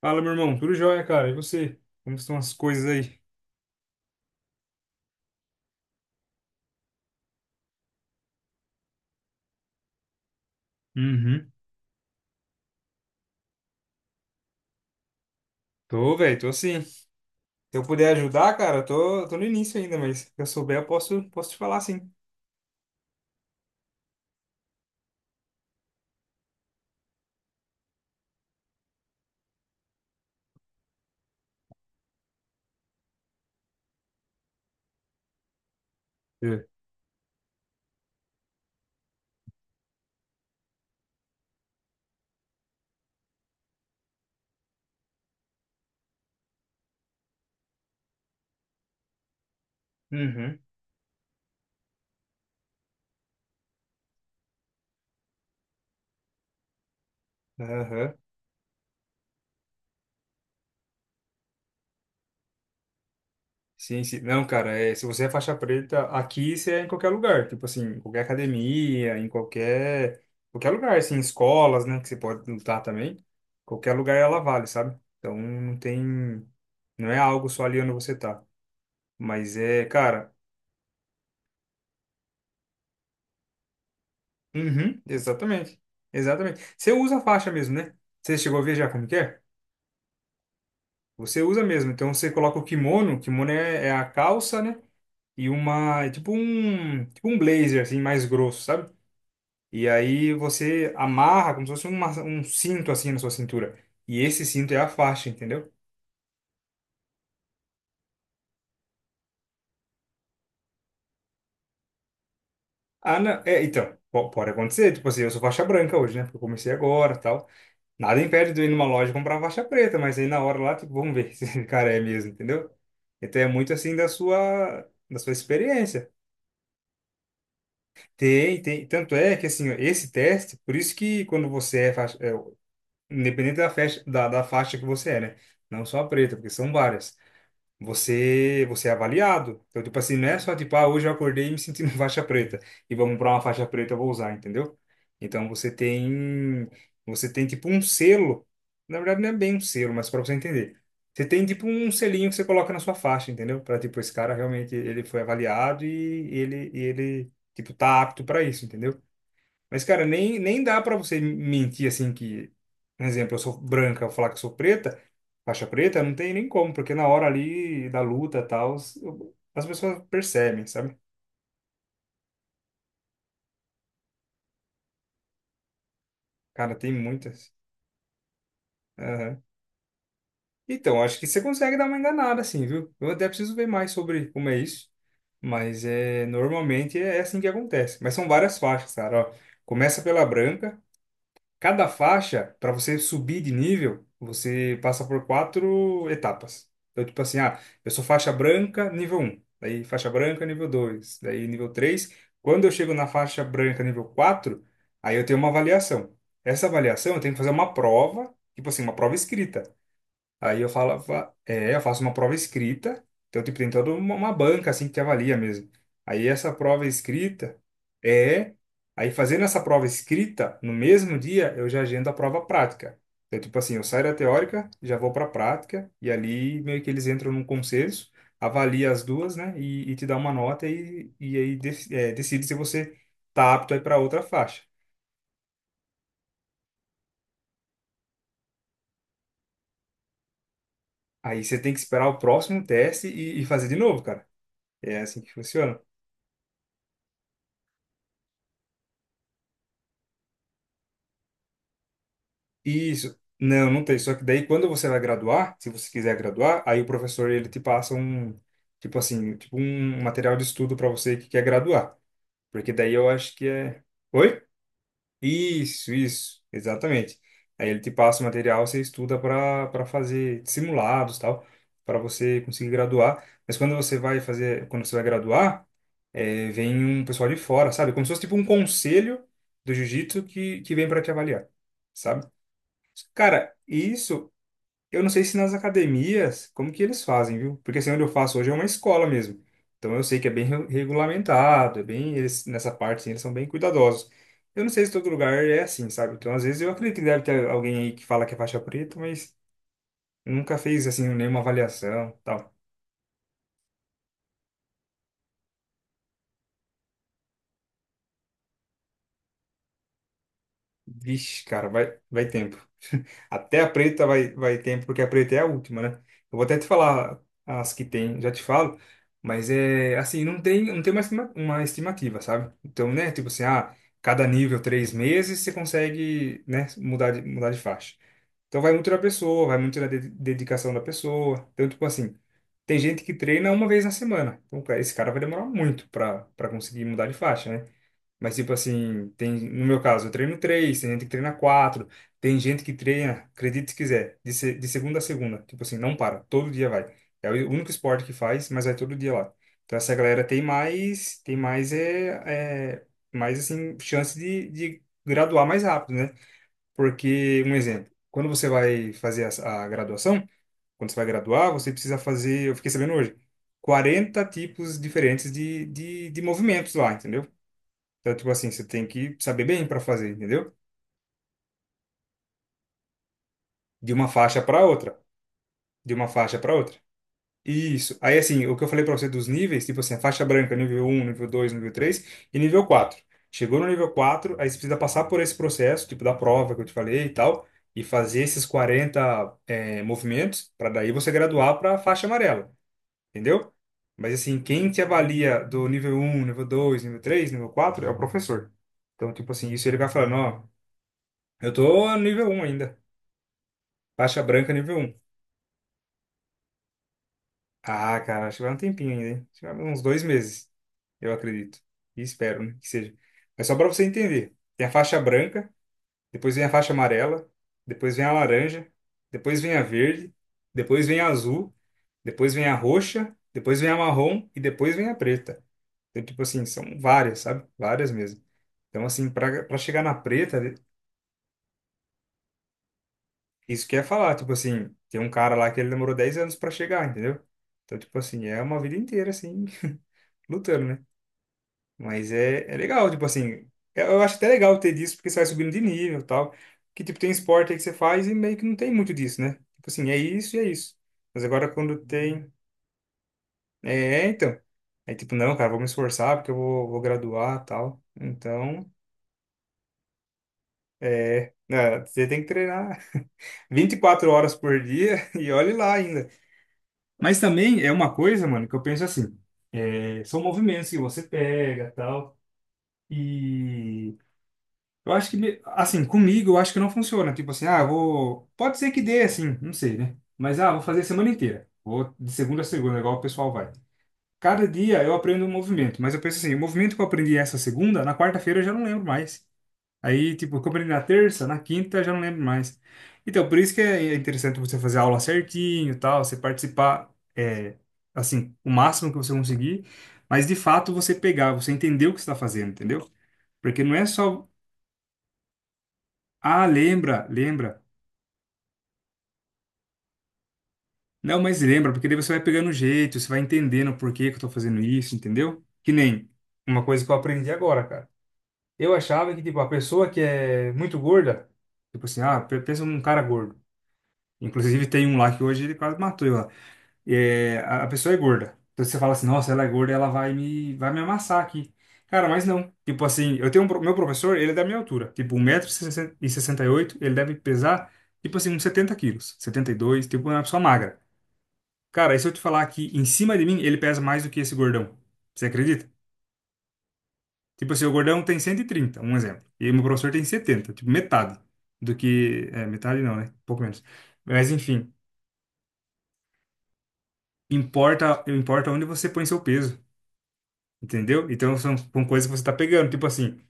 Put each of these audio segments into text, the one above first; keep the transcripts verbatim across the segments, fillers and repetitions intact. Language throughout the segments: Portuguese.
Fala, meu irmão. Tudo jóia, cara. E você? Como estão as coisas aí? Uhum. Tô, velho. Tô sim. Se eu puder ajudar, cara, eu tô, tô no início ainda, mas se eu souber, eu posso, posso te falar, sim. É. Uhum. Aham. Sim, sim. Não, cara, é, se você é faixa preta, aqui você é em qualquer lugar. Tipo assim, em qualquer academia, em qualquer. Qualquer lugar, assim, escolas, né? Que você pode lutar também. Qualquer lugar ela vale, sabe? Então, não tem. Não é algo só ali onde você tá. Mas é, cara. Uhum, exatamente. Exatamente. Você usa a faixa mesmo, né? Você chegou a ver já como que é? Você usa mesmo. Então você coloca o kimono, o kimono é, é a calça, né? E uma, é tipo um, tipo um blazer assim mais grosso, sabe? E aí você amarra como se fosse uma- um cinto assim na sua cintura. E esse cinto é a faixa, entendeu? Ah, não, é, então, po- pode acontecer, tipo assim, eu sou faixa branca hoje, né? Porque eu comecei agora, tal. Nada impede de eu ir numa loja e comprar faixa preta, mas aí na hora lá, tipo, vamos ver se o cara é mesmo, entendeu? Então é muito assim da sua da sua experiência. Tem, tem, tanto é que assim, ó, esse teste, por isso que quando você é, faixa, é, independente da faixa da, da faixa que você é, né? Não só a preta, porque são várias. você você é avaliado. Então, tipo assim, não é só tipo, ah, hoje eu acordei e me senti uma faixa preta e vamos para uma faixa preta eu vou usar, entendeu? Então você tem você tem tipo um selo. Na verdade não é bem um selo, mas para você entender. Você tem tipo um selinho que você coloca na sua faixa, entendeu? Para tipo esse cara realmente ele foi avaliado e ele e ele tipo tá apto para isso, entendeu? Mas, cara, nem, nem dá pra você mentir assim que, por exemplo, eu sou branca, eu falar que eu sou preta, faixa preta, não tem nem como, porque na hora ali da luta e tal, eu- as pessoas percebem, sabe? Cara, tem muitas. Aham. Então, acho que você consegue dar uma enganada, assim, viu? Eu até preciso ver mais sobre como é isso, mas é normalmente é assim que acontece. Mas são várias faixas, cara, ó. Começa pela branca. Cada faixa, para você subir de nível, você passa por quatro etapas. Então, tipo assim, ah, eu sou faixa branca, nível um. Daí faixa branca, nível dois. Daí nível três. Quando eu chego na faixa branca, nível quatro, aí eu tenho uma avaliação. Essa avaliação eu tenho que fazer uma prova, tipo assim, uma prova escrita. Aí eu falava, é, eu faço uma prova escrita, então, tipo, tem toda uma, uma banca, assim, que te avalia mesmo. Aí essa prova escrita é. Aí fazendo essa prova escrita, no mesmo dia, eu já agendo a prova prática. Então, tipo assim, eu saio da teórica, já vou para a prática, e ali meio que eles entram num consenso, avalia as duas, né, e, e te dá uma nota, e, e aí de- é, decide se você tá apto aí para outra faixa. Aí você tem que esperar o próximo teste e, e fazer de novo, cara. É assim que funciona. Isso. Não, não tem. Só que daí, quando você vai graduar, se você quiser graduar, aí o professor ele te passa um, tipo assim, tipo um material de estudo para você que quer graduar. Porque daí eu acho que é. Oi? Isso, isso, exatamente. Aí ele te passa o material, você estuda para para fazer simulados, tal, para você conseguir graduar. Mas quando você vai fazer, quando você vai graduar, é, vem um pessoal de fora, sabe? Como se fosse tipo um conselho do jiu-jitsu que, que vem para te avaliar, sabe? Cara, isso eu não sei se nas academias, como que eles fazem, viu? Porque assim, onde eu faço hoje é uma escola mesmo. Então eu sei que é bem re- regulamentado, é bem, eles, nessa parte assim, eles são bem cuidadosos. Eu não sei se todo lugar é assim, sabe? Então às vezes eu acredito que deve ter alguém aí que fala que é faixa preta, mas nunca fez assim nenhuma avaliação, tal. Vixe, cara, vai, vai tempo. Até a preta vai, vai ter, porque a preta é a última, né? Eu vou até te falar as que tem, já te falo, mas é assim, não tem, não tem uma, estima- uma estimativa, sabe? Então, né, tipo assim, ah, cada nível três meses você consegue, né, mudar de, mudar de faixa. Então vai muito da pessoa, vai muito da de- dedicação da pessoa. Então, tipo assim, tem gente que treina uma vez na semana. Então, cara, esse cara vai demorar muito para para conseguir mudar de faixa, né? Mas, tipo assim, tem, no meu caso, eu treino três, tem gente que treina quatro, tem gente que treina, acredite se quiser, de, se- de segunda a segunda. Tipo assim, não para, todo dia vai. É o único esporte que faz, mas vai todo dia lá. Então, essa galera tem mais, tem mais, é, é, mais assim, chance de, de graduar mais rápido, né? Porque, um exemplo, quando você vai fazer a, a graduação, quando você vai graduar, você precisa fazer, eu fiquei sabendo hoje, quarenta tipos diferentes de, de, de movimentos lá, entendeu? Então, tipo assim, você tem que saber bem para fazer, entendeu? De uma faixa para outra, de uma faixa para outra. Isso. Aí, assim, o que eu falei para você dos níveis, tipo assim, a faixa branca, nível um, nível dois, nível três e nível quatro. Chegou no nível quatro, aí você precisa passar por esse processo, tipo da prova que eu te falei e tal, e fazer esses quarenta eh, movimentos, para daí você graduar para faixa amarela, entendeu? Mas, assim, quem te avalia do nível um, nível dois, nível três, nível quatro é o professor. Então, tipo assim, isso ele vai falando, ó, eu tô no nível um ainda. Faixa branca, nível um. Ah, cara, acho que vai um tempinho ainda, hein? Acho que vai uns dois meses, eu acredito. E espero, né, que seja. Mas só para você entender, tem a faixa branca, depois vem a faixa amarela, depois vem a laranja, depois vem a verde, depois vem a azul, depois vem a roxa, depois vem a marrom e depois vem a preta. Então, tipo assim, são várias, sabe? Várias mesmo. Então, assim, para para chegar na preta. Isso que eu ia falar, tipo assim, tem um cara lá que ele demorou dez anos pra chegar, entendeu? Então, tipo assim, é uma vida inteira, assim, lutando, né? Mas é, é legal, tipo assim, eu eu acho até legal ter disso, porque você vai subindo de nível e tal. Que, tipo, tem esporte aí que você faz e meio que não tem muito disso, né? Tipo assim, é isso e é isso. Mas agora quando tem. É, é, então. Aí, tipo, não, cara, vou me esforçar porque eu vou, vou graduar e tal. Então, é, né? Você tem que treinar vinte e quatro horas por dia e olhe lá ainda. Mas também é uma coisa, mano, que eu penso assim, é, são movimentos que você pega, tal, e eu acho que, me- assim, comigo eu acho que não funciona, tipo assim, ah, vou, pode ser que dê, assim, não sei, né? Mas, ah, vou fazer a semana inteira, vou de segunda a segunda, igual o pessoal vai. Cada dia eu aprendo um movimento, mas eu penso assim, o movimento que eu aprendi essa segunda, na quarta-feira eu já não lembro mais. Aí, tipo, eu comprei na terça, na quinta, já não lembro mais. Então, por isso que é interessante você fazer a aula certinho, e tal, você participar, é, assim, o máximo que você conseguir, mas de fato você pegar, você entender o que você está fazendo, entendeu? Porque não é só, ah, lembra, lembra. Não, mas lembra, porque daí você vai pegando o jeito, você vai entendendo o porquê que eu estou fazendo isso, entendeu? Que nem uma coisa que eu aprendi agora, cara. Eu achava que, tipo, a pessoa que é muito gorda, tipo assim, ah, pe- pensa num cara gordo. Inclusive tem um lá que hoje ele quase matou eu lá. É, a a pessoa é gorda. Então você fala assim, nossa, ela é gorda, ela vai me, vai me amassar aqui. Cara, mas não. Tipo assim, eu tenho um, pro- meu professor, ele é da minha altura. Tipo, um metro e sessenta e oito ele deve pesar, tipo assim, uns setenta quilos. Setenta e dois, tipo, é uma pessoa magra. Cara, e se eu te falar que em cima de mim, ele pesa mais do que esse gordão? Você acredita? Tipo assim, o gordão tem cento e trinta, um exemplo. E meu professor tem setenta, tipo, metade do que. É, metade não, né? Um pouco menos. Mas enfim. Importa, importa onde você põe seu peso, entendeu? Então são, são coisas que você tá pegando, tipo assim,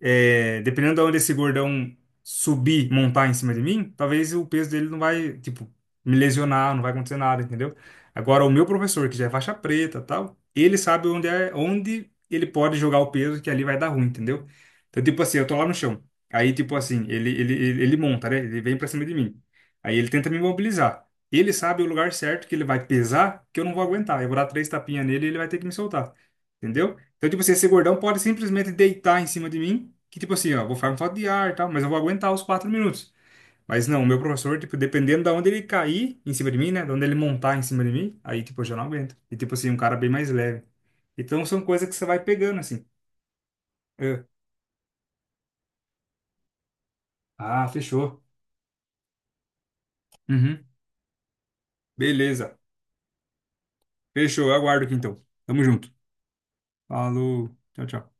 é, dependendo de onde esse gordão subir, montar em cima de mim, talvez o peso dele não vai, tipo, me lesionar, não vai acontecer nada, entendeu? Agora, o meu professor, que já é faixa preta, tal, ele sabe onde é, onde ele pode jogar o peso que ali vai dar ruim, entendeu? Então, tipo assim, eu tô lá no chão. Aí, tipo assim, ele, ele, ele, ele monta, né? Ele vem pra cima de mim. Aí ele tenta me imobilizar. Ele sabe o lugar certo que ele vai pesar, que eu não vou aguentar. Eu vou dar três tapinhas nele e ele vai ter que me soltar. Entendeu? Então, tipo assim, esse gordão pode simplesmente deitar em cima de mim, que tipo assim, ó, vou ficar com falta de ar e tal, mas eu vou aguentar os quatro minutos. Mas não, o meu professor, tipo, dependendo da onde ele cair em cima de mim, né, de onde ele montar em cima de mim, aí, tipo, eu já não aguento. E, tipo assim, um cara bem mais leve. Então, são coisas que você vai pegando, assim. Eu, ah, fechou. Uhum. Beleza. Fechou, eu aguardo aqui então. Tamo junto. Falou. Tchau, tchau.